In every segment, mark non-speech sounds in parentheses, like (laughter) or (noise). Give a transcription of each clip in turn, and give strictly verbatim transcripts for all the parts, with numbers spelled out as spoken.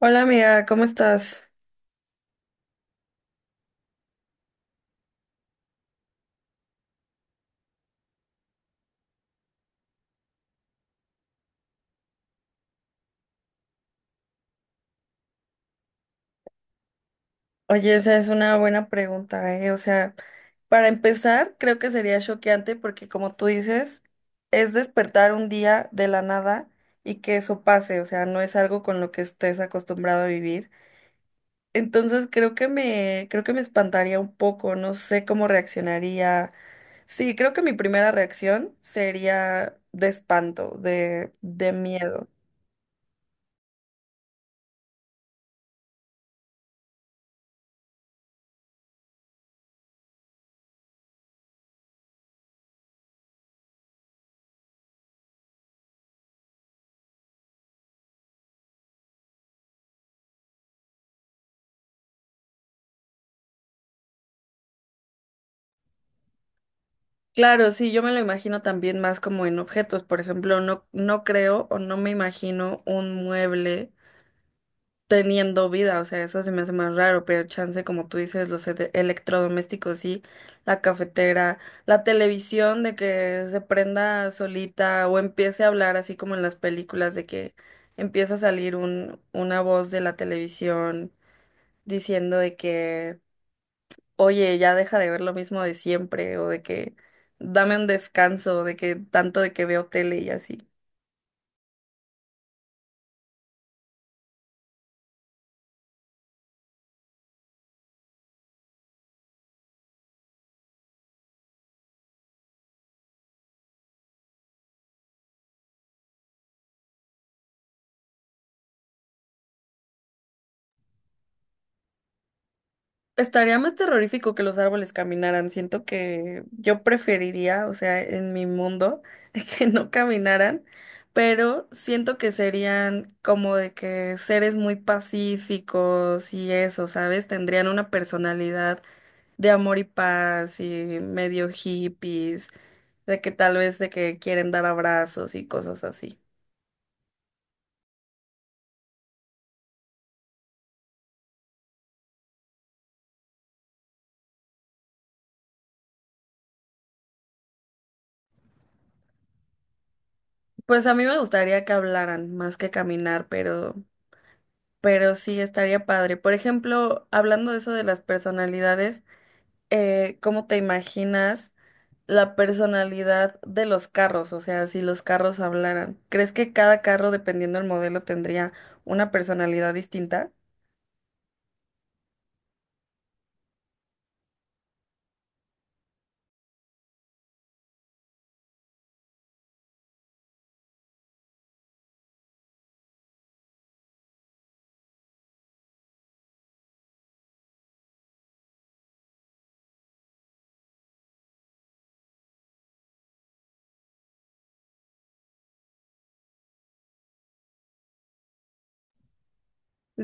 Hola amiga, ¿cómo estás? Oye, esa es una buena pregunta, ¿eh? O sea, para empezar, creo que sería choqueante porque como tú dices, es despertar un día de la nada y que eso pase, o sea, no es algo con lo que estés acostumbrado a vivir. Entonces, creo que me creo que me espantaría un poco, no sé cómo reaccionaría. Sí, creo que mi primera reacción sería de espanto, de de miedo. Claro, sí, yo me lo imagino también más como en objetos. Por ejemplo, no, no creo o no me imagino un mueble teniendo vida. O sea, eso se me hace más raro, pero chance, como tú dices, los ele- electrodomésticos, sí, la cafetera, la televisión de que se prenda solita o empiece a hablar así como en las películas de que empieza a salir un, una voz de la televisión diciendo de que oye, ya deja de ver lo mismo de siempre, o de que dame un descanso, de que tanto de que veo tele y así. Estaría más terrorífico que los árboles caminaran. Siento que yo preferiría, o sea, en mi mundo, (laughs) que no caminaran, pero siento que serían como de que seres muy pacíficos y eso, ¿sabes? Tendrían una personalidad de amor y paz y medio hippies, de que tal vez de que quieren dar abrazos y cosas así. Pues a mí me gustaría que hablaran más que caminar, pero, pero sí estaría padre. Por ejemplo, hablando de eso de las personalidades, eh, ¿cómo te imaginas la personalidad de los carros? O sea, si los carros hablaran, ¿crees que cada carro, dependiendo del modelo, tendría una personalidad distinta?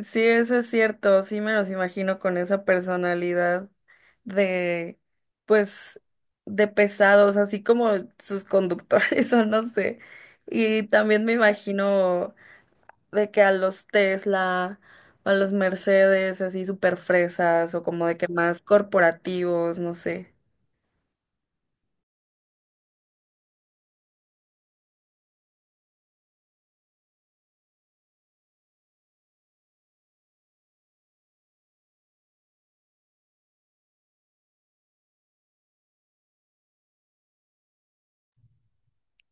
Sí, eso es cierto, sí me los imagino con esa personalidad de, pues, de pesados, así como sus conductores, (laughs) o no sé. Y también me imagino de que a los Tesla, a los Mercedes, así súper fresas, o como de que más corporativos, no sé.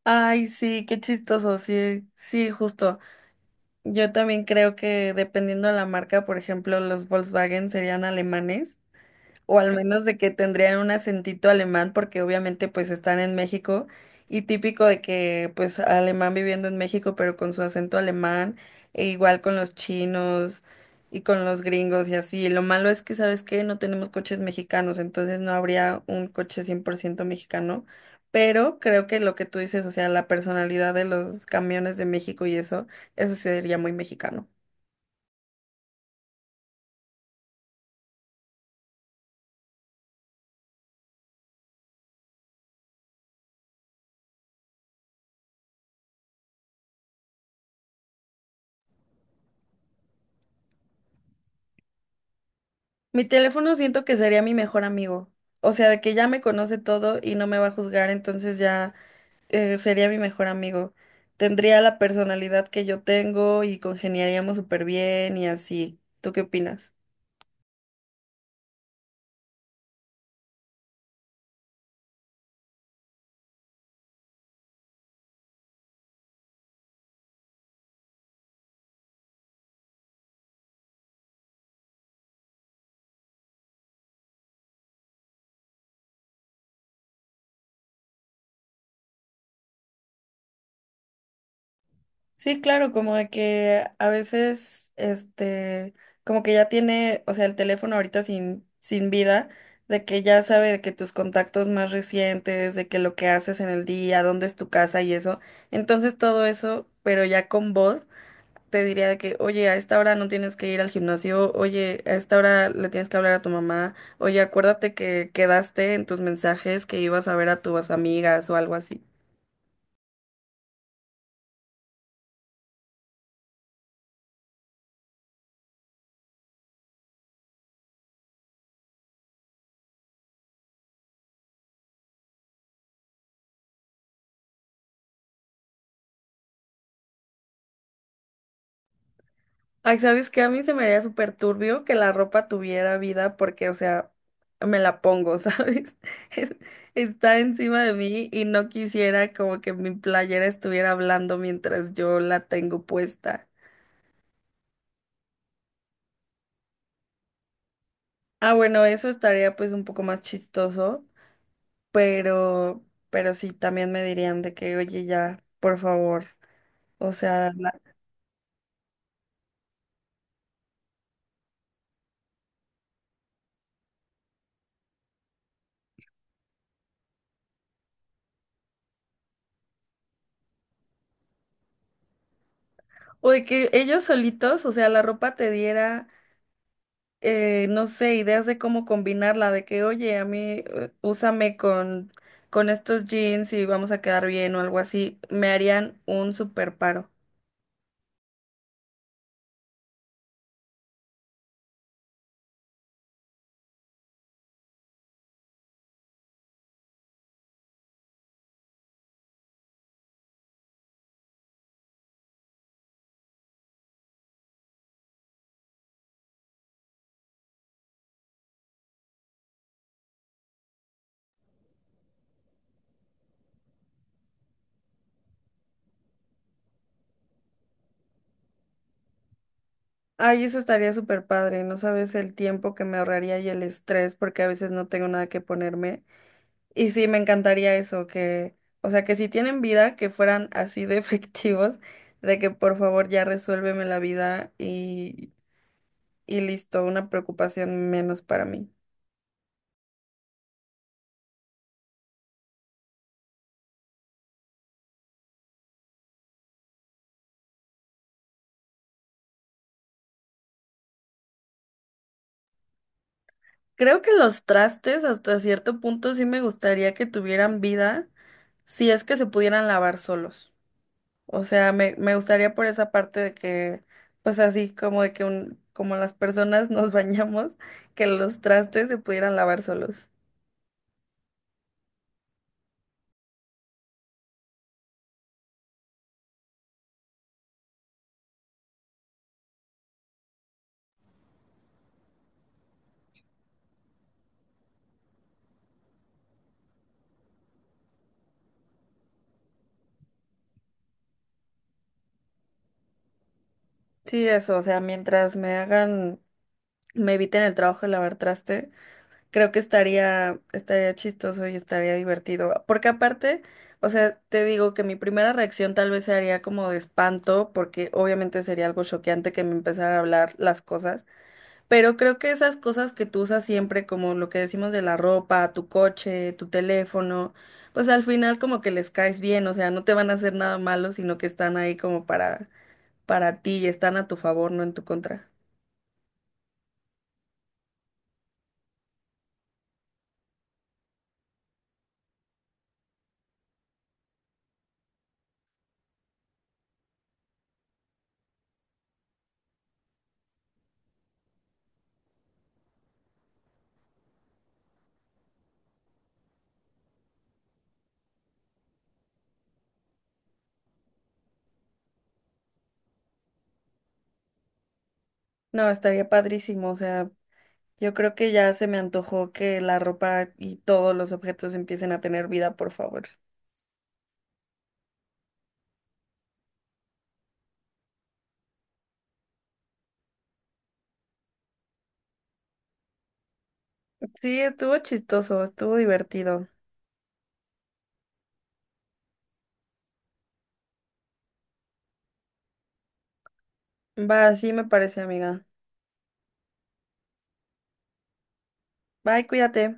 Ay, sí, qué chistoso, sí, sí, justo. Yo también creo que dependiendo de la marca, por ejemplo, los Volkswagen serían alemanes, o al menos de que tendrían un acentito alemán porque obviamente pues están en México y típico de que pues alemán viviendo en México pero con su acento alemán e igual con los chinos y con los gringos y así. Lo malo es que, ¿sabes qué? No tenemos coches mexicanos, entonces no habría un coche cien por ciento mexicano. Pero creo que lo que tú dices, o sea, la personalidad de los camiones de México y eso, eso sí sería muy mexicano. Mi teléfono siento que sería mi mejor amigo. O sea, de que ya me conoce todo y no me va a juzgar, entonces ya eh, sería mi mejor amigo. Tendría la personalidad que yo tengo y congeniaríamos súper bien y así. ¿Tú qué opinas? Sí, claro, como de que a veces, este, como que ya tiene, o sea, el teléfono ahorita sin, sin vida, de que ya sabe de que tus contactos más recientes, de que lo que haces en el día, dónde es tu casa y eso. Entonces todo eso, pero ya con voz. Te diría de que, oye, a esta hora no tienes que ir al gimnasio, oye, a esta hora le tienes que hablar a tu mamá, oye, acuérdate que quedaste en tus mensajes que ibas a ver a tus amigas o algo así. Ay, ¿sabes qué? A mí se me haría súper turbio que la ropa tuviera vida porque, o sea, me la pongo, ¿sabes? (laughs) Es- Está encima de mí y no quisiera como que mi playera estuviera hablando mientras yo la tengo puesta. Ah, bueno, eso estaría pues un poco más chistoso, pero, pero sí, también me dirían de que, oye, ya, por favor, o sea, la- o de que ellos solitos, o sea, la ropa te diera, eh, no sé, ideas de cómo combinarla, de que, oye, a mí, eh, úsame con, con estos jeans y vamos a quedar bien o algo así, me harían un super paro. Ay, eso estaría súper padre, no sabes el tiempo que me ahorraría y el estrés porque a veces no tengo nada que ponerme. Y sí, me encantaría eso, que, o sea, que si tienen vida, que fueran así de (laughs) efectivos, de que por favor ya resuélveme la vida y, y listo, una preocupación menos para mí. Creo que los trastes hasta cierto punto sí me gustaría que tuvieran vida, si es que se pudieran lavar solos. O sea, me, me gustaría por esa parte de que, pues así como de que un, como las personas nos (laughs) bañamos, que los trastes se pudieran lavar solos. Sí, eso, o sea, mientras me hagan me eviten el trabajo de lavar traste, creo que estaría, estaría chistoso y estaría divertido. Porque aparte, o sea, te digo que mi primera reacción tal vez sería como de espanto, porque obviamente sería algo choqueante que me empezara a hablar las cosas, pero creo que esas cosas que tú usas siempre, como lo que decimos de la ropa, tu coche, tu teléfono, pues al final como que les caes bien, o sea, no te van a hacer nada malo, sino que están ahí como para, para ti y están a tu favor, no en tu contra. No, estaría padrísimo, o sea. Yo creo que ya se me antojó que la ropa y todos los objetos empiecen a tener vida, por favor. Sí, estuvo chistoso, estuvo divertido. Va, sí me parece, amiga. Bye, cuídate.